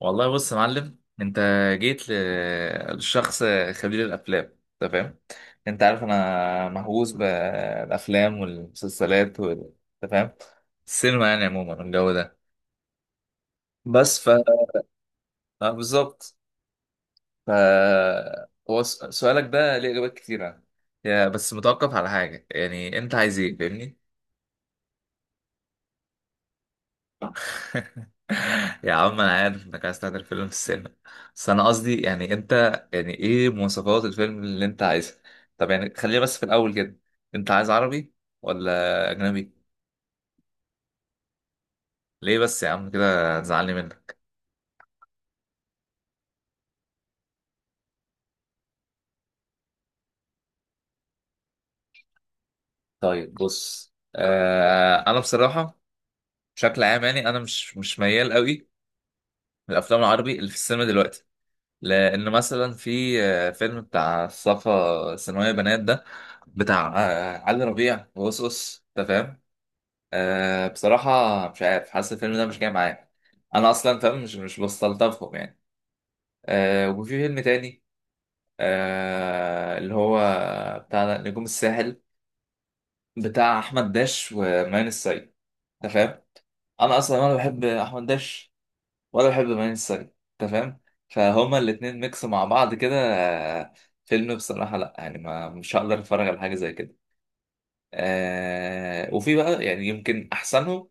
والله بص يا معلم انت. جيت لشخص خبير الافلام. انت فاهم؟ انت عارف انا مهووس بالافلام والمسلسلات انت فاهم؟ السينما يعني عموما والجو ده. بس اه بالظبط. ف هو سؤالك ده ليه اجابات كتيره. يا بس متوقف على حاجه، يعني انت عايز ايه؟ فاهمني. يا عم انا عارف انك عايز تعمل فيلم في السينما، بس انا قصدي، يعني انت، يعني ايه مواصفات الفيلم اللي انت عايزها؟ طب يعني خلينا بس في الاول كده، انت عايز عربي ولا اجنبي؟ ليه بس يا عم كده؟ هتزعلني منك. طيب بص، انا بصراحه بشكل عام يعني انا مش ميال قوي للافلام العربي اللي في السينما دلوقتي. لان مثلا في فيلم بتاع الصفا ثانويه بنات ده، بتاع علي ربيع وقصقص. انت فاهم؟ أه بصراحة مش عارف، حاسس الفيلم ده مش جاي معايا. أنا أصلا فاهم، مش بستلطفهم يعني. وفي فيلم تاني، اللي هو بتاع نجوم الساحل، بتاع أحمد داش وماين السيد. أنت فاهم؟ أنا أصلا ولا بحب أحمد داش ولا بحب ماين السيد. أنت فاهم. فهما الاتنين ميكس مع بعض كده. فيلم بصراحة لأ، يعني ما مش هقدر أتفرج على حاجة زي كده. وفي بقى يعني يمكن أحسنهم،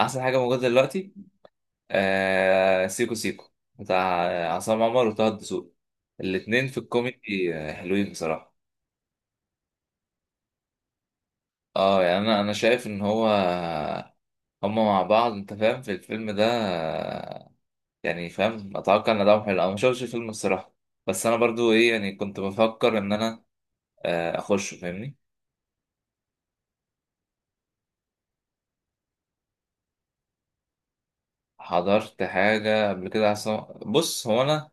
أحسن حاجة موجودة دلوقتي، سيكو سيكو، بتاع عصام عمر وطه الدسوقي. الاتنين في الكوميدي حلوين بصراحة. اه يعني انا شايف ان هو، هما مع بعض انت فاهم، في الفيلم ده. يعني فاهم، اتوقع ان ده حلو. انا ما شفتش الفيلم الصراحة، بس انا برضو ايه يعني كنت بفكر ان انا اخش. فاهمني. حضرت حاجة قبل كده عصام. بص هو انا،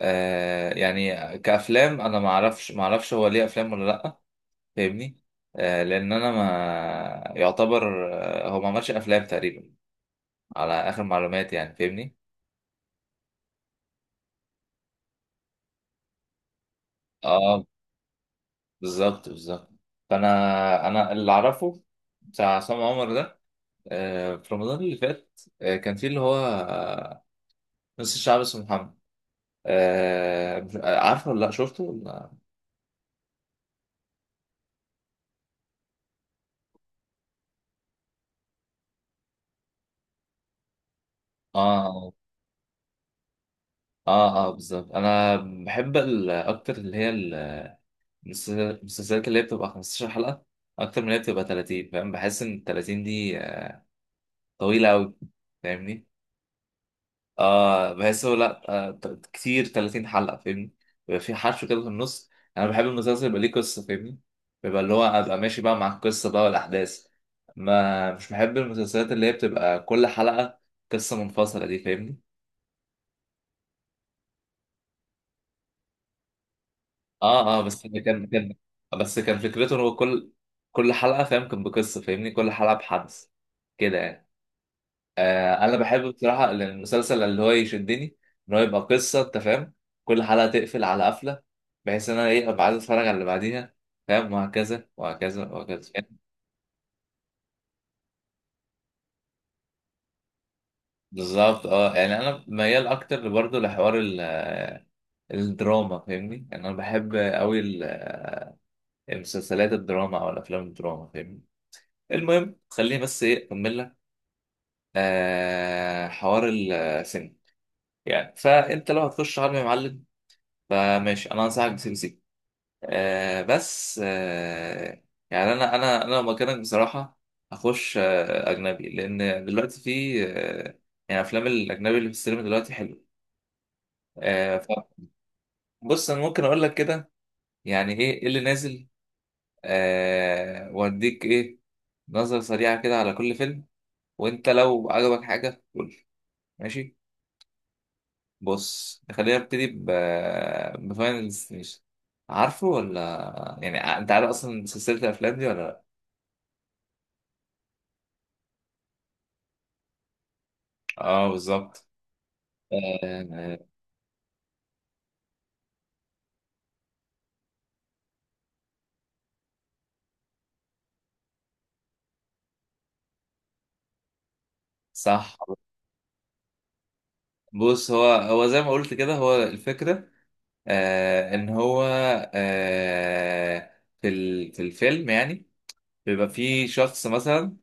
يعني كأفلام انا ما اعرفش هو ليه افلام ولا لا. فاهمني. لان انا ما يعتبر، هو ما عملش افلام تقريبا على اخر معلومات يعني. فاهمني. اه بالظبط بالظبط. فانا اللي اعرفه بتاع عصام عمر ده في رمضان اللي فات، كان في اللي هو نص الشعب اسمه محمد. عارفه ولا لا؟ شفته ولا؟ اه اه. بالظبط. انا بحب اكتر اللي هي المسلسلات اللي هي بتبقى 15 حلقة اكتر من اللي هي بتبقى 30. فاهم؟ بحس ان ال 30 دي طويلة أوي. فاهمني؟ بحسه لأ. كتير 30 حلقة. فاهمني؟ بيبقى في حشو كده في النص. أنا بحب المسلسل يبقى ليه قصة. فاهمني؟ بيبقى اللي هو أبقى ماشي بقى مع القصة بقى والأحداث. ما مش بحب المسلسلات اللي هي بتبقى كل حلقة قصة منفصلة دي. فاهمني؟ بس ده كان. بس كان فكرته إن هو كل حلقة فاهم، كان بقصة. فاهمني؟ كل حلقة بحدث كده يعني. انا بحب بصراحه إن المسلسل اللي هو يشدني، ان هو يبقى قصه انت فاهم، كل حلقه تقفل على قفله، بحيث ان انا ايه ابقى عايز اتفرج على اللي بعديها. فاهم؟ وهكذا وهكذا وهكذا. فاهم؟ بالظبط. اه يعني انا ميال اكتر برضه لحوار الدراما. فاهمني. يعني انا بحب قوي المسلسلات الدراما او الافلام الدراما. فاهمني. المهم خليني بس ايه اكمل لك حوار السينما يعني. فانت لو هتخش عالم يا معلم، فماشي انا انصحك بسي بي سي. آه بس آه يعني انا لو مكانك بصراحه، هخش اجنبي، لان دلوقتي في يعني افلام الاجنبي اللي في السينما دلوقتي حلو آه فبص انا ممكن اقول لك كده، يعني ايه إيه اللي نازل، واديك ايه، نظره سريعه كده على كل فيلم، وانت لو عجبك حاجه قول لي. ماشي. بص خلينا نبتدي بفاينل ديستنيشن. عارفه ولا يعني، انت عارف اصلا سلسله الافلام دي ولا لا؟ اه بالظبط. آه، صح. بص هو زي ما قلت كده، هو الفكرة، ان هو في الفيلم يعني، بيبقى في شخص مثلا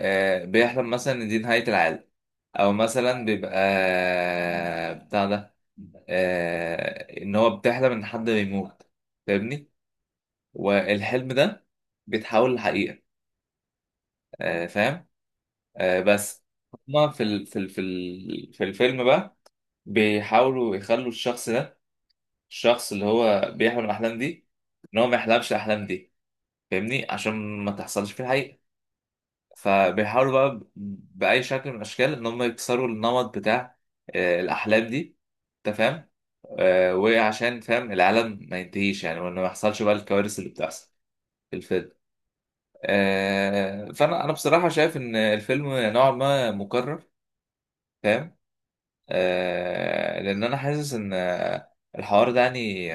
بيحلم مثلا ان دي نهاية العالم، او مثلا بيبقى بتاع ده، ان هو بتحلم ان حد بيموت. فاهمني. والحلم ده بيتحول لحقيقة. فاهم. آه بس هما في الفيلم بقى بيحاولوا يخلوا الشخص ده، الشخص اللي هو بيحلم الأحلام دي، إن هو ما يحلمش الأحلام دي. فاهمني. عشان ما تحصلش في الحقيقة. فبيحاولوا بقى بأي شكل من الأشكال إن هم يكسروا النمط بتاع الأحلام دي. أنت فاهم. وعشان فاهم العالم ما ينتهيش يعني، وإن ما يحصلش بقى الكوارث اللي بتحصل في الفيلم. فأنا بصراحة شايف إن الفيلم نوعا ما مكرر. فاهم. لأن أنا حاسس إن الحوار ده يعني،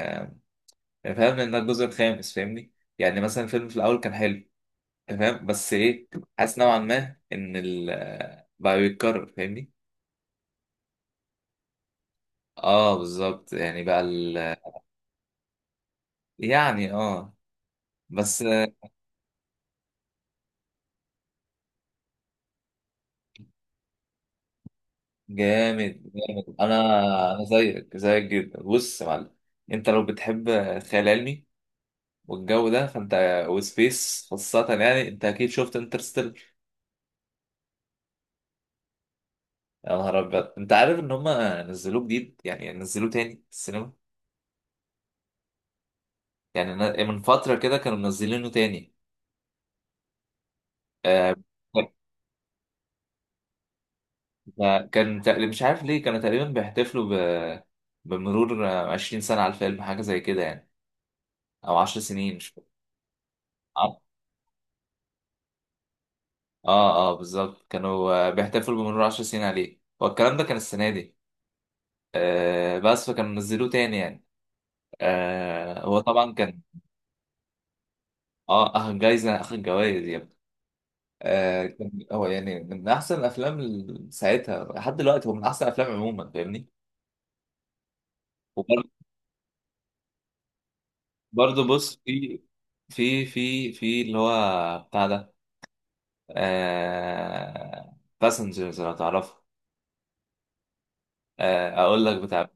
يعني فاهم انها الجزء الخامس. فاهمني. يعني مثلا الفيلم في الاول كان حلو تمام، بس ايه، حاسس نوعا ما ان بقى بيتكرر. فاهمني. اه بالظبط يعني بقى يعني اه. بس. جامد جامد. انا زيك زيك جدا. بص يا معلم، انت لو بتحب الخيال العلمي والجو ده فانت، وسبيس خاصة يعني، انت اكيد شفت انترستيلر. يا نهار ابيض، انت عارف ان هم نزلوه جديد، يعني نزلوه تاني في السينما. يعني من فترة كده كانوا منزلينه تاني. آه، كان تقريبا مش عارف ليه كانوا تقريبا بيحتفلوا ب... بمرور 20 سنة على الفيلم حاجة زي كده يعني، أو 10 سنين مش فاكر. اه اه. بالظبط، كانوا بيحتفلوا بمرور 10 سنين عليه. هو الكلام ده كان السنة دي. بس فكانوا نزلوه تاني يعني. هو طبعا كان. اه أخد جايزة، أخد جوايز يا ابني. كان هو يعني من أحسن الأفلام ساعتها. لحد دلوقتي هو من أحسن الأفلام عموما. فاهمني. برضه بص في في اللي هو بتاع ده، باسنجرز. لو تعرفه، اقول لك بتاع.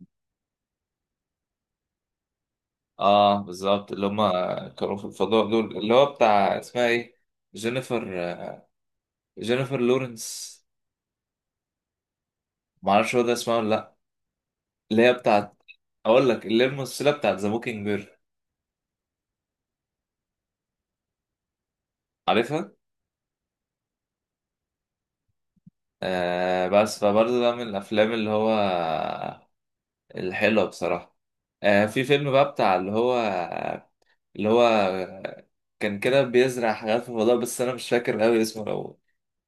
اه بالظبط، اللي هم كانوا في الفضاء دول. اللي هو بتاع، اسمها ايه، جينيفر، جينيفر لورنس. معرفش هو ده اسمها ولا لا، اللي هي بتاعت. اقول لك اللي هي الممثله بتاعت ذا موكينج بير. عارفها. آه بس فبرضه ده من الافلام اللي هو الحلوه بصراحه. في فيلم بقى بتاع اللي هو كان كده بيزرع حاجات في الفضاء، بس انا مش فاكر قوي اسمه. لو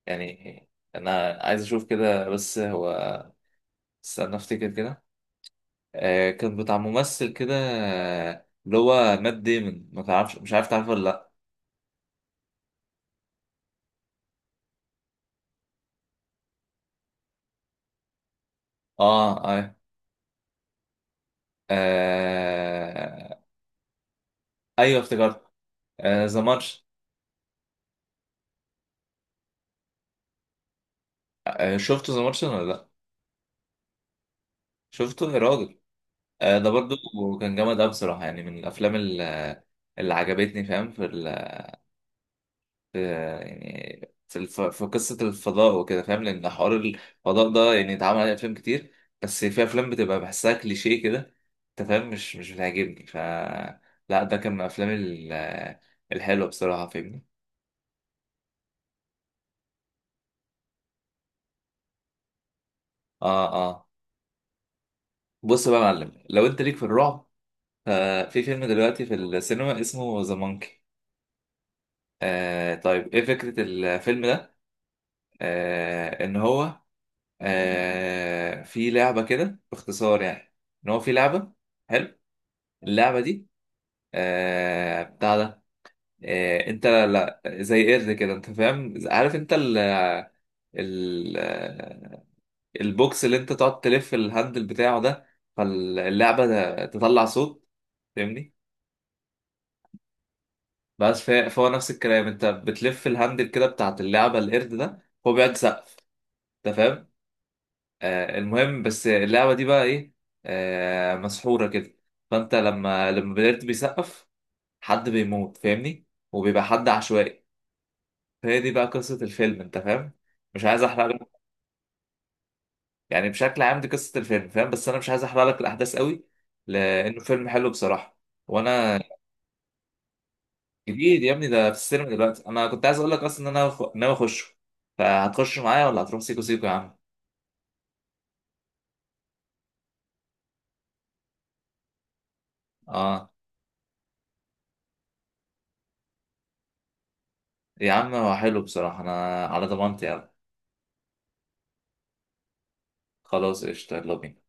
يعني انا عايز اشوف كده، بس هو استنى افتكر كده. كان بتاع ممثل كده، اللي هو مات ديمون. ما تعرفش؟ مش عارف تعرفه ولا لا؟ اه اه. آه ايوه افتكرت. ذا مارش. شفته ذا مارش ولا لا؟ شفته يا راجل. ده برضو كان جامد أوي بصراحة، يعني من الأفلام اللي عجبتني. فاهم. في يعني في في قصة الفضاء وكده. فاهم. لأن حوار الفضاء ده يعني اتعمل عليه أفلام كتير، بس في أفلام بتبقى بحسها كليشيه كده. أنت فاهم. مش بتعجبني. لا، ده كان من الأفلام الحلوة بصراحة. فاهمني. آه آه بص بقى يا معلم، لو أنت ليك في الرعب، ففي فيلم دلوقتي في السينما اسمه ذا مونكي. طيب إيه فكرة الفيلم ده؟ إن هو في لعبة كده باختصار يعني، إن هو في لعبة، حلو، اللعبة دي بتاع ده، انت لا لا زي قرد كده انت فاهم. عارف انت ال ال آه، البوكس اللي انت تقعد تلف الهاندل بتاعه ده، فاللعبة ده تطلع صوت. فاهمني. فهو نفس الكلام، انت بتلف الهاندل كده بتاعت اللعبة القرد ده، هو بيقعد يسقف. انت فاهم. المهم بس اللعبة دي بقى ايه، مسحورة كده. فانت لما القرد بيسقف، حد بيموت. فاهمني. وبيبقى حد عشوائي. فهي دي بقى قصة الفيلم. انت فاهم. مش عايز احرق لك. يعني بشكل عام دي قصة الفيلم، فاهم، بس انا مش عايز احرق لك الاحداث قوي، لانه فيلم حلو بصراحة، وانا. جديد يا ابني، ده في السينما دلوقتي. انا كنت عايز اقول لك اصلا ان انا ناوي اخشه. فهتخش معايا ولا هتروح سيكو سيكو يا عم؟ اه يا عم هو حلو بصراحة، انا على ضمانتي يا عم. خلاص قشطة، يلا بينا.